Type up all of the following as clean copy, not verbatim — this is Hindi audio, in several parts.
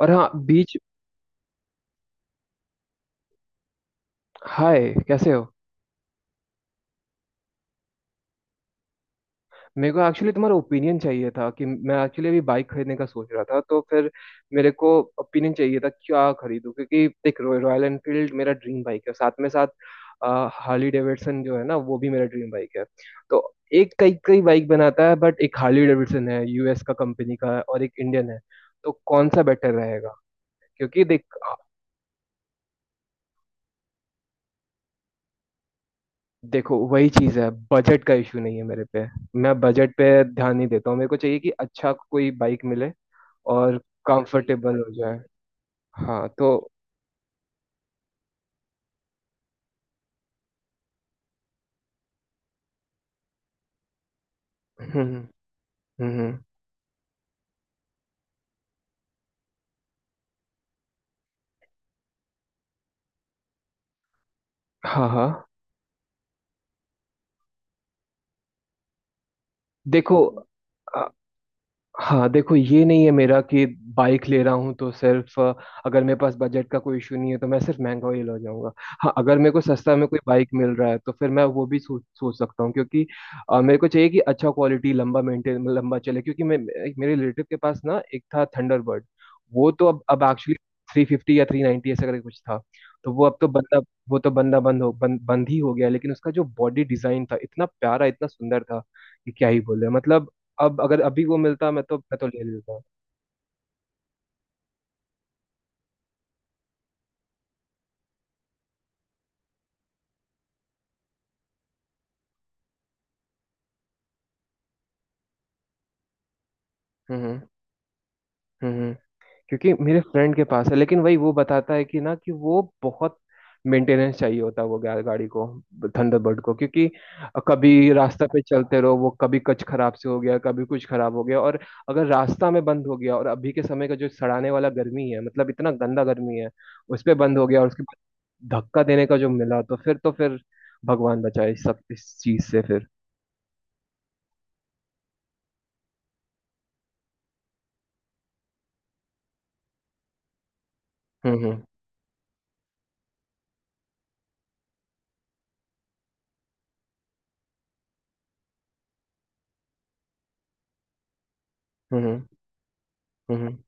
और हाँ बीच। हाय, कैसे हो? मेरे को एक्चुअली तुम्हारा ओपिनियन चाहिए था कि मैं एक्चुअली अभी बाइक खरीदने का सोच रहा था, तो फिर मेरे को ओपिनियन चाहिए था क्या खरीदूं, क्योंकि देख, रॉयल एनफील्ड मेरा ड्रीम बाइक है। साथ में साथ हार्ली डेविडसन जो है ना, वो भी मेरा ड्रीम बाइक है। तो एक कई कई बाइक बनाता है, बट एक हार्ली डेविडसन है, यूएस का कंपनी का है, और एक इंडियन है। तो कौन सा बेटर रहेगा? क्योंकि देखो वही चीज है, बजट का इशू नहीं है मेरे पे। मैं बजट पे ध्यान नहीं देता हूँ। मेरे को चाहिए कि अच्छा कोई बाइक मिले और कंफर्टेबल हो जाए। हाँ तो। हम्म। हम्म। हम्म। हाँ, हाँ। देखो, हाँ देखो, ये नहीं है मेरा कि बाइक ले रहा हूँ तो सिर्फ अगर मेरे पास बजट का कोई इशू नहीं है तो मैं सिर्फ महंगा ही ले जाऊंगा। हाँ, अगर मेरे को सस्ता में कोई बाइक मिल रहा है तो फिर मैं वो भी सोच सोच सकता हूँ, क्योंकि मेरे को चाहिए कि अच्छा क्वालिटी लंबा मेंटेन लंबा चले, क्योंकि मैं... मेरे रिलेटिव के पास ना एक था थंडरबर्ड। वो तो अब एक्चुअली 350 या 390 ऐसा करके कुछ था। तो वो तो बंदा बंद बंद ही हो गया, लेकिन उसका जो बॉडी डिजाइन था इतना प्यारा, इतना सुंदर था कि क्या ही बोले मतलब। अब अगर अभी वो मिलता, मैं तो ले लेता। हम्म। हम्म। हम्म। क्योंकि मेरे फ्रेंड के पास है, लेकिन वही वो बताता है कि ना कि वो बहुत मेंटेनेंस चाहिए होता है, वो गाड़ी को, थंडरबर्ड को, क्योंकि कभी रास्ता पे चलते रहो वो कभी कुछ खराब से हो गया, कभी कुछ खराब हो गया। और अगर रास्ता में बंद हो गया, और अभी के समय का जो सड़ाने वाला गर्मी है, मतलब इतना गंदा गर्मी है, उस पे बंद हो गया, और उसके बाद धक्का देने का जो मिला, तो फिर भगवान बचाए इस सब इस चीज से फिर। हम्म। हम्म। हम्म। हम्म। हम्म।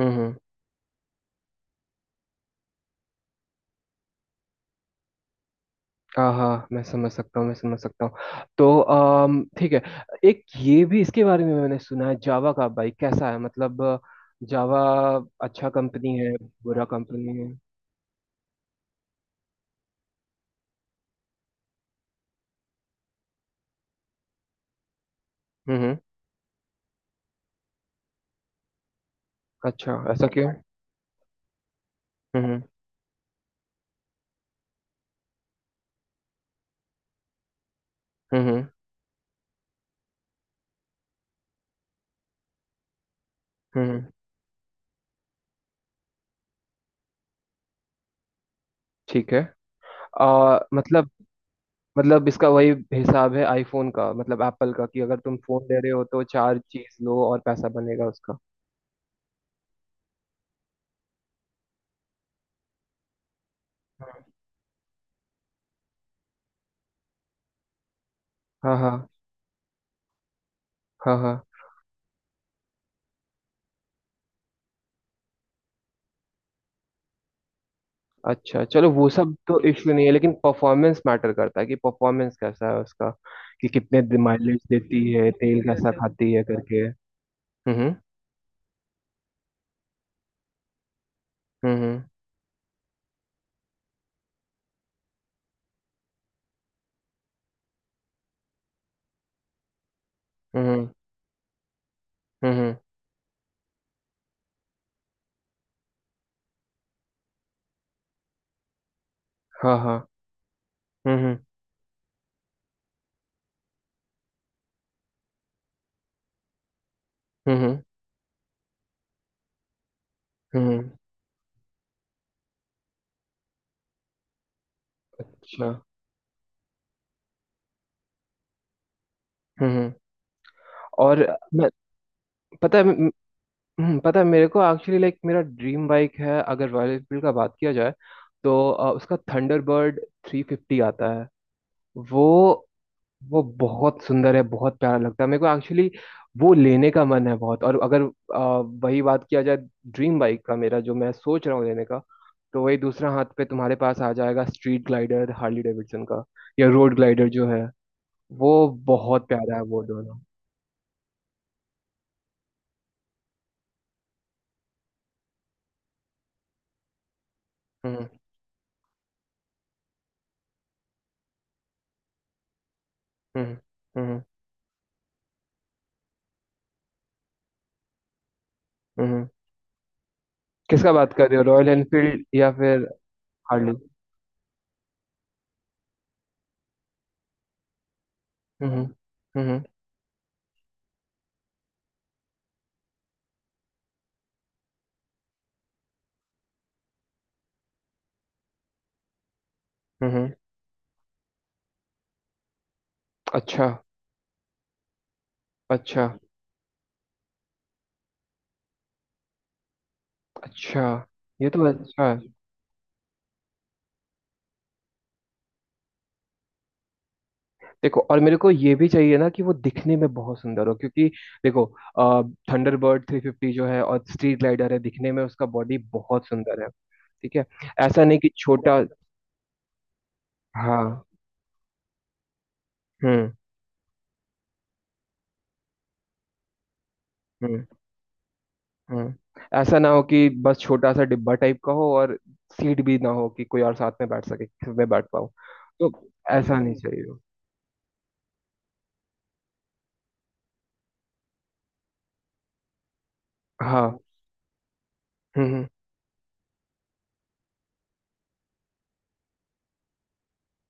हम्म। हम्म। हाँ, हाँ, मैं समझ सकता हूँ, मैं समझ सकता हूँ। तो ठीक है। एक ये भी इसके बारे में मैंने सुना है जावा का, भाई कैसा है, मतलब? जावा अच्छा कंपनी है, बुरा कंपनी है? हम्म, हम्म। अच्छा, ऐसा क्यों? हम्म। हम्म। हम्म, हम्म। ठीक है। आ, मतलब मतलब इसका वही हिसाब है आईफोन का, मतलब एप्पल का, कि अगर तुम फोन ले रहे हो तो चार चीज लो और पैसा बनेगा उसका। हाँ, हाँ। हाँ, हाँ। अच्छा, चलो, वो सब तो इश्यू नहीं है, लेकिन परफॉर्मेंस मैटर करता है, कि परफॉर्मेंस कैसा है उसका, कि कितने माइलेज देती है, तेल कैसा खाती है, करके। हम्म। हम्म। हम्म। हम्म। हम्म। हम्म। हाँ, हाँ। हम्म। हम्म। हम्म। हम्म। हम्म। अच्छा। हम्म, हम्म। और मैं... पता है पता है, मेरे को एक्चुअली, लाइक, मेरा ड्रीम बाइक है, अगर रॉयल एनफील्ड का बात किया जाए। तो उसका थंडरबर्ड 350 आता है वो। वो बहुत सुंदर है, बहुत प्यारा लगता है मेरे को एक्चुअली। वो लेने का मन है बहुत। और अगर वही बात किया जाए, ड्रीम बाइक का मेरा जो मैं सोच रहा हूँ लेने का, तो वही दूसरा हाथ पे तुम्हारे पास आ जाएगा स्ट्रीट ग्लाइडर हार्ली डेविडसन का, या रोड ग्लाइडर जो है, वो बहुत प्यारा है, वो दोनों। हम्म। हम्म। हम्म। हम्म। किसका बात कर रहे हो, रॉयल एनफील्ड या फिर हार्ली? हम्म। हम्म। हम्म। अच्छा। अच्छा। अच्छा, ये तो अच्छा है। देखो, और मेरे को ये भी चाहिए ना कि वो दिखने में बहुत सुंदर हो, क्योंकि देखो, थंडरबर्ड 350 जो है और स्ट्रीट ग्लाइडर है, दिखने में उसका बॉडी बहुत सुंदर है। ठीक है, ऐसा नहीं कि छोटा। हाँ। हम्म। हम्म। हम्म। ऐसा ना हो कि बस छोटा सा डिब्बा टाइप का हो, और सीट भी ना हो कि कोई और साथ में बैठ सके, कि मैं बैठ पाऊँ। तो ऐसा नहीं चाहिए हो। हाँ। हम्म।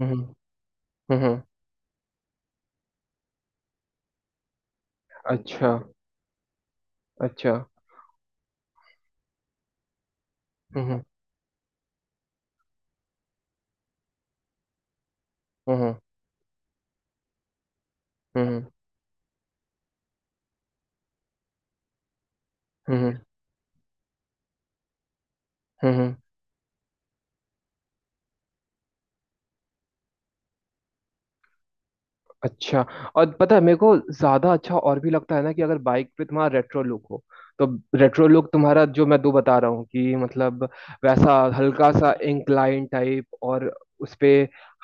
हम्म। हम्म। हम्म। हम्म। अच्छा। अच्छा। हम्म। हम्म। हम्म। हम्म। हम्म। हम्म। हम्म। अच्छा, और पता है, मेरे को ज्यादा अच्छा और भी लगता है ना कि अगर बाइक पे तुम्हारा रेट्रो लुक हो, तो रेट्रो लुक तुम्हारा जो मैं दो बता रहा हूँ, कि मतलब, वैसा हल्का सा इंक्लाइन टाइप और उस पे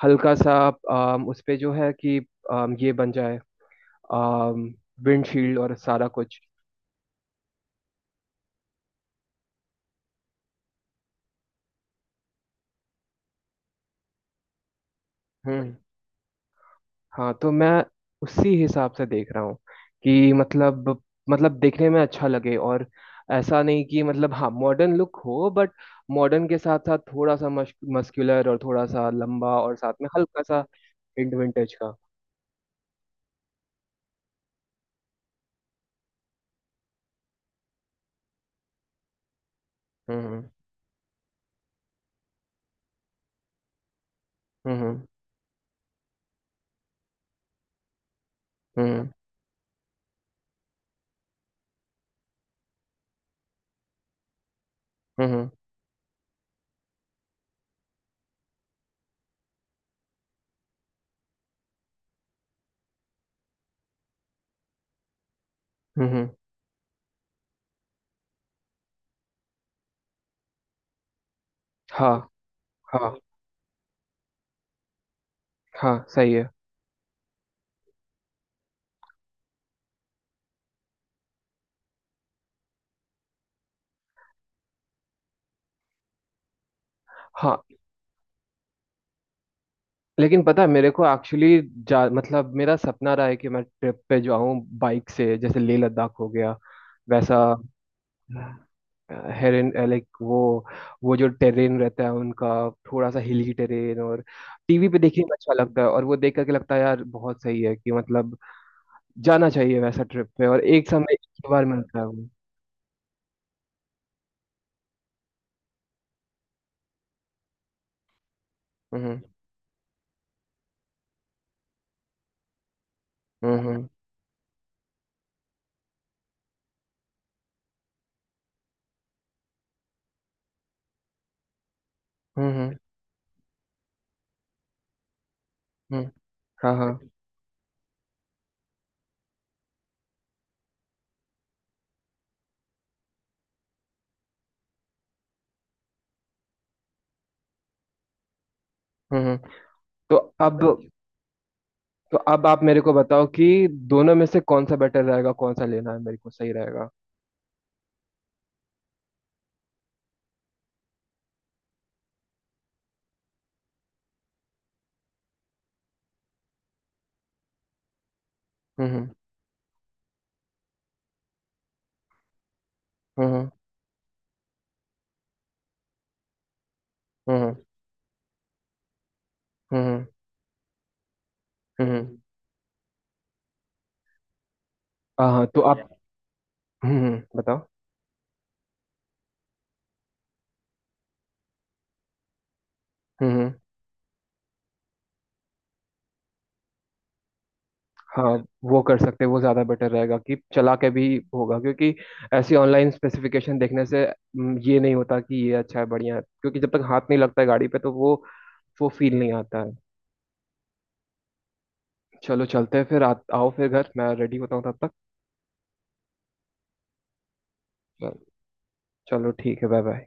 हल्का सा उस पे जो है कि ये बन जाए विंडशील्ड और सारा कुछ। हम्म। हाँ, तो मैं उसी हिसाब से देख रहा हूँ, कि मतलब देखने में अच्छा लगे, और ऐसा नहीं कि मतलब हाँ मॉडर्न लुक हो, बट मॉडर्न के साथ साथ थोड़ा सा मस्कुलर और थोड़ा सा लंबा और साथ में हल्का सा हिंट विंटेज का। हम्म। हम्म। हम्म। हम्म। हम्म। हम्म। हम्म। हाँ। हाँ, हाँ सही है। हाँ, लेकिन पता है मेरे को एक्चुअली, जा मतलब मेरा सपना रहा है कि मैं ट्रिप पे जाऊँ बाइक से, जैसे लेह लद्दाख हो गया, वैसा। हेरेन, लाइक, वो जो टेरेन रहता है उनका, थोड़ा सा हिली टेरेन, और टीवी पे देखने में अच्छा लगता है, और वो देख करके लगता है, यार बहुत सही है, कि मतलब जाना चाहिए वैसा ट्रिप पे। और एक समय एक ही बार मिलता है वो। हम्म। हम्म। हम्म। हम्म। हम्म। हाँ, हाँ। हम्म। हम्म। तो अब तो अब आप मेरे को बताओ कि दोनों में से कौन सा बेटर रहेगा, कौन सा लेना है मेरे को सही रहेगा? हम्म। हम्म। हम्म। हम्म। हम्म। हम्म। हम्म। हाँ, हाँ, तो आप... हम्म, बताओ। हम्म। हम्म। हाँ, वो कर सकते हैं, वो ज़्यादा बेटर रहेगा कि चला के भी होगा, क्योंकि ऐसी ऑनलाइन स्पेसिफिकेशन देखने से ये नहीं होता कि ये अच्छा है, बढ़िया है, क्योंकि जब तक हाथ नहीं लगता है गाड़ी पे, तो वो फील नहीं आता है। चलो चलते हैं फिर, आओ फिर घर, मैं रेडी होता हूँ तब तक। चलो ठीक है, बाय बाय।